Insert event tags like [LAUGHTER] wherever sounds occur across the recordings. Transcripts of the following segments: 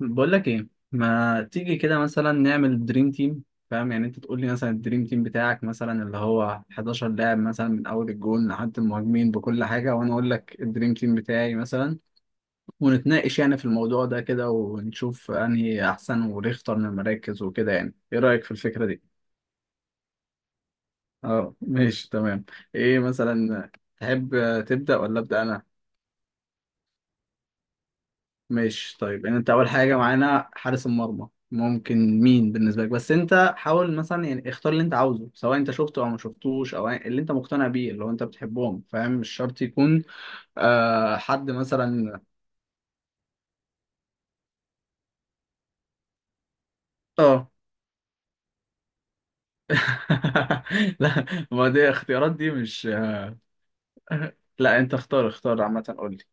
بقول لك ايه، ما تيجي كده مثلا نعمل دريم تيم؟ فاهم؟ يعني انت تقول لي مثلا الدريم تيم بتاعك مثلا اللي هو 11 لاعب مثلا من اول الجون لحد المهاجمين بكل حاجه، وانا اقول لك الدريم تيم بتاعي مثلا ونتناقش يعني في الموضوع ده كده ونشوف انهي احسن ونختار من المراكز وكده. يعني ايه رايك في الفكره دي؟ اه ماشي تمام. ايه مثلا؟ تحب تبدا ولا ابدا انا؟ ماشي طيب. يعني انت اول حاجه معانا حارس المرمى، ممكن مين بالنسبه لك؟ بس انت حاول مثلا يعني اختار اللي انت عاوزه، سواء انت شفته او ما شفتوش او اللي انت مقتنع بيه، اللي هو انت بتحبهم. فاهم؟ مش شرط يكون. حد مثلا. اه. [LAUGHS] لا، ما دي اختيارات دي مش. [LAUGHS] لا انت اختار عامه قول لي.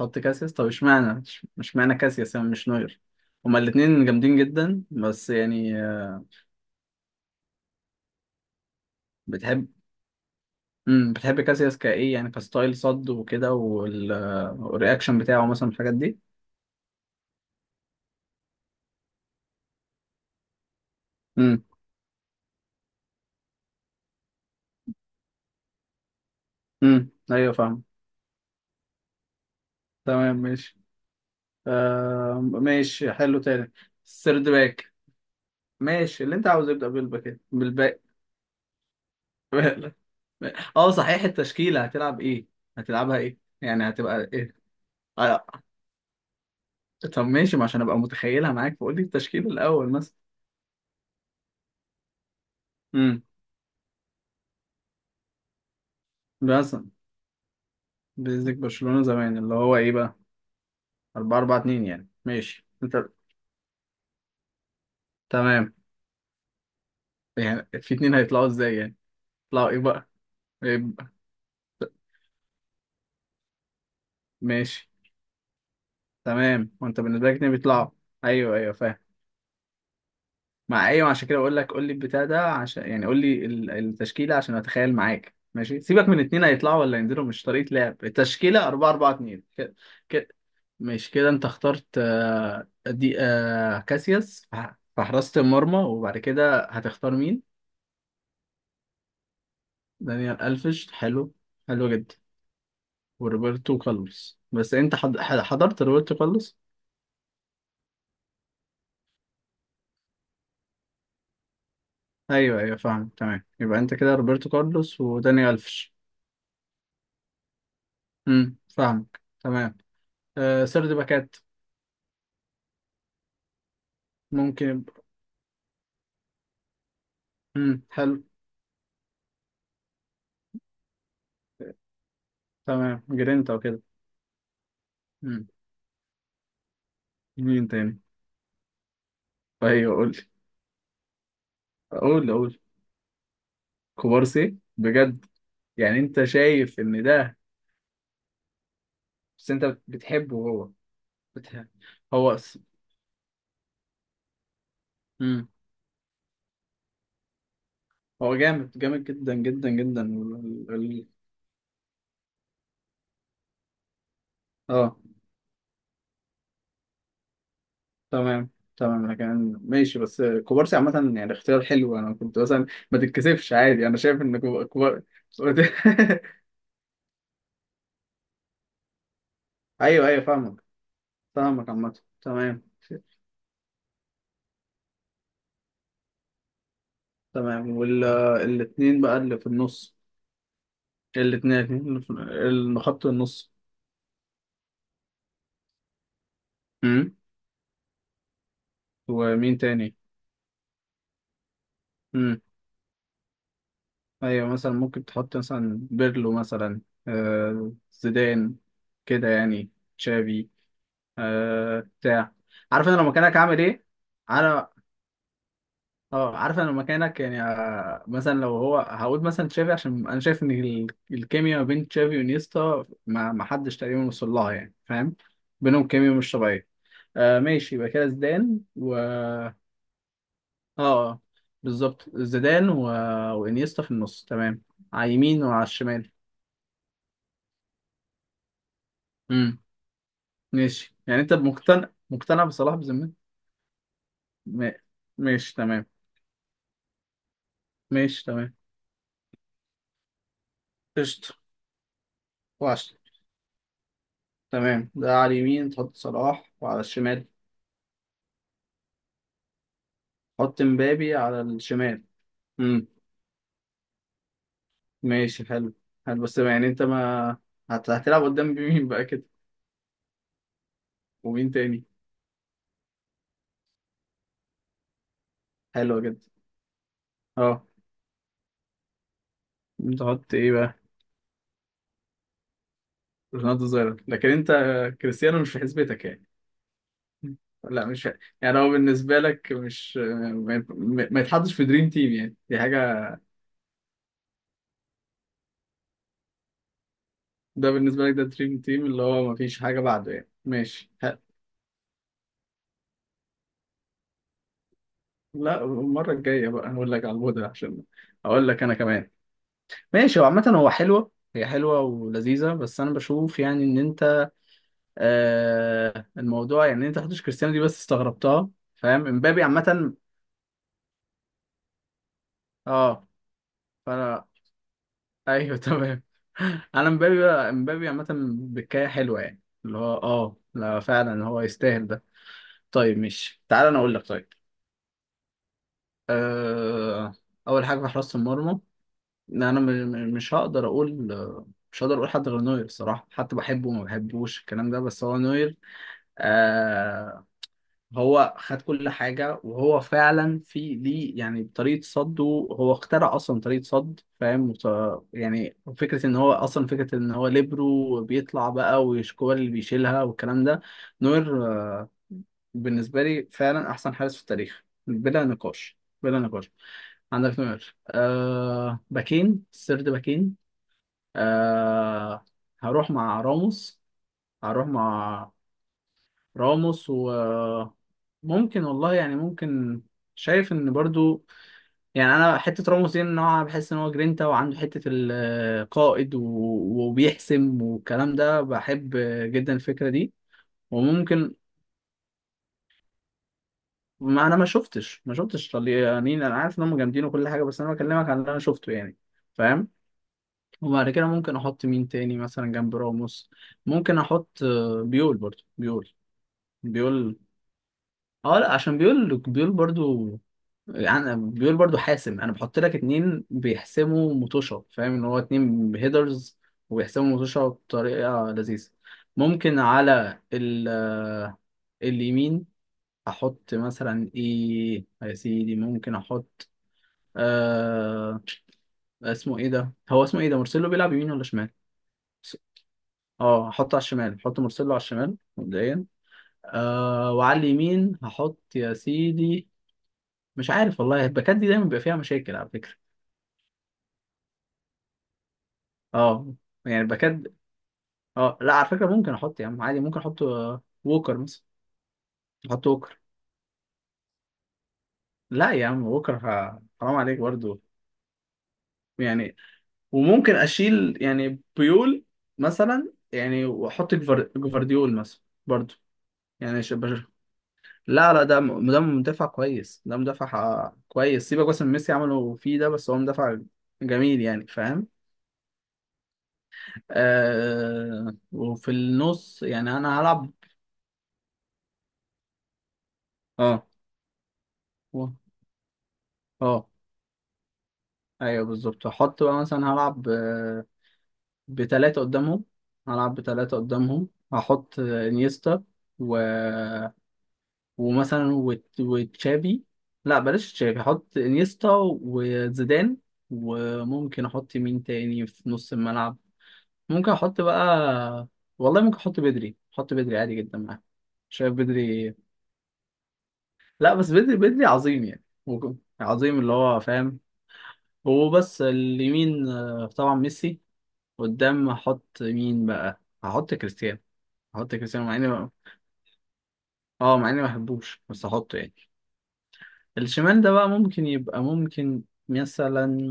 حط كاسياس، طب اشمعنى؟ مش معنى كاسياس يعني مش نوير، هما الاثنين جامدين جدا. بس يعني بتحب. بتحب كاسياس كايه يعني، كستايل صد وكده والرياكشن بتاعه مثلا، الحاجات دي. امم. ايوه فاهم. تمام ماشي. آه ماشي حلو، تاني؟ السيرد باك. ماشي، اللي انت عاوز يبدأ بالباك إيه؟ بالباك. [LAUGHS] اه صحيح، التشكيلة هتلعب ايه؟ هتلعبها ايه يعني؟ هتبقى ايه؟ آه. طب ماشي، ما عشان ابقى متخيلها معاك فقول لي التشكيل الاول مثلا. امم. مثلا بيزك برشلونة زمان اللي هو ايه بقى؟ 4 4 2. يعني ماشي انت. تمام. يعني في اتنين هيطلعوا ازاي يعني؟ يطلعوا ايه بقى؟ ايه بقى؟ ماشي. تمام، وانت بالنسبه لك اتنين بيطلعوا. ايوه ايوه فاهم. مع ايوه، عشان كده بقول لك قول لي البتاع ده، عشان يعني قول لي التشكيله عشان اتخيل معاك. ماشي، سيبك من اتنين هيطلعوا ولا ينزلوا، مش طريقه لعب التشكيله 4 4 2 كده. كده ماشي. كده انت اخترت دي كاسياس في في حراسه المرمى، وبعد كده هتختار مين؟ دانيال الفيش، حلو. حلو جدا. وروبرتو كارلوس، بس انت حضرت روبرتو كارلوس؟ ايوه ايوه فاهم. تمام، يبقى انت كده روبرتو كارلوس وداني الفش. فاهمك. تمام، آه سير باكات. ممكن يبقى. حلو. تمام، جرينتا وكده. امم. مين تاني؟ ايوه قول لي. قول قول. كوبارسي؟ بجد؟ يعني انت شايف ان ده. بس انت بتحبه هو. بتحب. هو. امم. هو جامد جامد جدا جدا جدا اه. تمام. تمام، لكن ماشي. بس كوبارسي عامة يعني اختيار حلو، انا كنت مثلا. ما تتكسفش عادي، انا شايف ان كوبار. [LAUGHS] ايوه ايوه فاهمك. فاهمك عامة. تمام. تمام، والاثنين بقى اللي في النص. الاثنين اللي في اللي خط النص. امم. ومين تاني؟ امم. ايوه مثلا ممكن تحط مثلا بيرلو مثلا، آه زيدان، كده يعني، تشافي، آه بتاع. عارف انا لو مكانك هعمل ايه؟ انا. اه عارف انا لو مكانك يعني مثلا لو هو هقول مثلا تشافي، عشان انا شايف ان الكيميا ما بين تشافي ونيستا ما حدش تقريبا وصل لها، يعني فاهم. بينهم كيميا مش طبيعيه. آه ماشي، يبقى كده زيدان و. اه بالظبط، زيدان و. وانيستا في النص تمام، على اليمين وعلى الشمال. امم ماشي. يعني انت مقتنع مقتنع بصلاح بذمتك؟ ما- ماشي تمام. ماشي تمام. قشطة. وعشرة. تمام، ده على اليمين تحط صلاح، وعلى الشمال حط مبابي على الشمال. امم ماشي حلو. حلو، بس يعني انت ما. هتلعب قدام مين بقى كده؟ ومين تاني؟ حلو جدا. اه تحط ايه بقى؟ رونالدو ظاهرة، لكن انت. كريستيانو مش في حسبتك يعني؟ لا مش يعني هو بالنسبة لك مش. ما, ما يتحطش في دريم تيم يعني، دي حاجة. ده بالنسبة لك ده دريم تيم اللي هو ما فيش حاجة بعده يعني، ماشي حلو. لا، المرة الجاية بقى هقول لك على الهدى عشان اقول لك انا كمان. ماشي، هو عامة هو حلوة هي حلوة ولذيذة، بس أنا بشوف يعني إن أنت. آه الموضوع يعني إن أنت حطيتش كريستيانو دي، بس استغربتها. فاهم، امبابي عامة. أه. فأنا. أيوه تمام. [LAUGHS] أنا امبابي بقى، امبابي عامة بكاية حلوة يعني، اللي هو أه لا فعلا هو يستاهل ده. طيب مش تعال أنا أقول لك؟ طيب. آه، أول حاجة في حراسة المرمى، إن أنا مش هقدر أقول. مش هقدر أقول حد غير نوير الصراحة، حتى بحبه وما بحبوش الكلام ده، بس هو نوير. آه. هو خد كل حاجة، وهو فعلا في ليه يعني طريقة صده. هو اخترع أصلا طريقة صد فاهم، يعني فكرة إن هو أصلا، فكرة إن هو ليبرو بيطلع بقى والكور اللي بيشيلها والكلام ده. نوير، بالنسبة لي فعلا أحسن حارس في التاريخ بلا نقاش. بلا نقاش. عندك نوير، آه باكين سيرد باكين. آه هروح مع راموس. هروح مع راموس، وممكن والله يعني ممكن. شايف ان برضو يعني، انا حته راموس دي نوعا بحس ان هو جرينتا وعنده حته القائد وبيحسم والكلام ده، بحب جدا الفكره دي. وممكن. ما انا ما شفتش طليانين، انا عارف ان هم جامدين وكل حاجه، بس انا بكلمك عن اللي انا شفته يعني، فاهم. وبعد كده ممكن احط مين تاني مثلا جنب راموس. ممكن احط بيول. برضو بيول. بيول، اه لا عشان بيقول برضو، يعني بيقول برضو حاسم، انا بحط لك اتنين بيحسموا مطوشه، فاهم ان هو اتنين هيدرز وبيحسموا مطوشه بطريقه لذيذه. ممكن على ال اليمين احط مثلا ايه يا سيدي؟ ممكن احط آه اسمه ايه ده، هو اسمه ايه ده، مرسلو؟ بيلعب يمين ولا شمال؟ اه هحطه على الشمال، هحط مرسلو على الشمال مبدئيا. آه وعلى اليمين هحط يا سيدي. مش عارف والله، الباكات دي دايما بيبقى فيها مشاكل على فكره. اه يعني الباكات. اه لا على فكرة ممكن احط يا عم عادي، ممكن احط ووكر مثلا، احط ووكر. لا يا عم ووكر حرام عليك برضو، يعني. وممكن اشيل يعني بيول مثلا، يعني واحط جفارديول مثلا برضو. يعني لا لا، ده ده مدافع كويس، ده مدافع كويس، سيبك بس من ميسي عمله فيه ده، بس هو مدافع جميل يعني فاهم. آه وفي النص يعني انا هلعب. اه و- اه. ايوه بالظبط، هحط بقى مثلا هلعب بتلاتة قدامهم. هلعب بتلاتة قدامهم، هحط انيستا و. ومثلا وتشابي. لا بلاش تشابي، هحط انيستا وزيدان. وممكن احط مين تاني في نص الملعب؟ ممكن احط بقى. والله ممكن احط بدري، احط بدري عادي جدا معاه، شايف بدري؟ لا بس بدري بدري عظيم يعني عظيم اللي هو فاهم. هو بس اليمين طبعا ميسي. قدام هحط مين بقى؟ هحط كريستيانو، احط كريستيانو مع اني. اه مع اني ما بحبوش بس احطه يعني. الشمال ده بقى ممكن يبقى ممكن مثلا.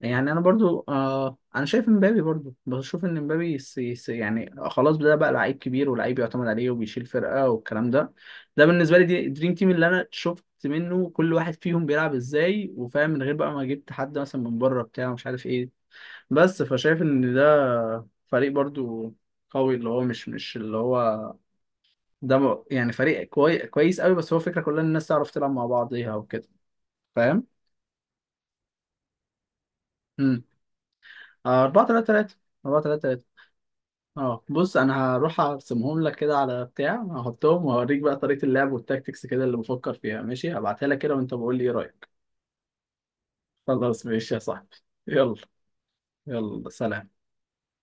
يعني انا برضو آه، انا شايف امبابي برضو، بشوف ان امبابي يعني خلاص، ده بقى لعيب كبير ولعيب يعتمد عليه وبيشيل فرقة والكلام ده. ده بالنسبة لي دي دريم تيم اللي انا شفت منه كل واحد فيهم بيلعب ازاي وفاهم، من غير بقى ما جبت حد مثلا من بره بتاع مش عارف ايه. بس فشايف ان ده فريق برضو قوي، اللي هو مش مش اللي هو، ده يعني فريق كويس قوي، بس هو فكرة كلها ان الناس تعرف تلعب مع بعضيها وكده، فاهم. امم. 4 3 3. 4 3 3. اه بص، انا هروح ارسمهم لك كده على بتاع، هحطهم وهوريك بقى طريقة اللعب والتاكتكس كده اللي بفكر فيها، ماشي؟ هبعتها لك كده وانت بقول لي ايه رأيك. خلاص ماشي يا صاحبي. يلا. يلا سلام.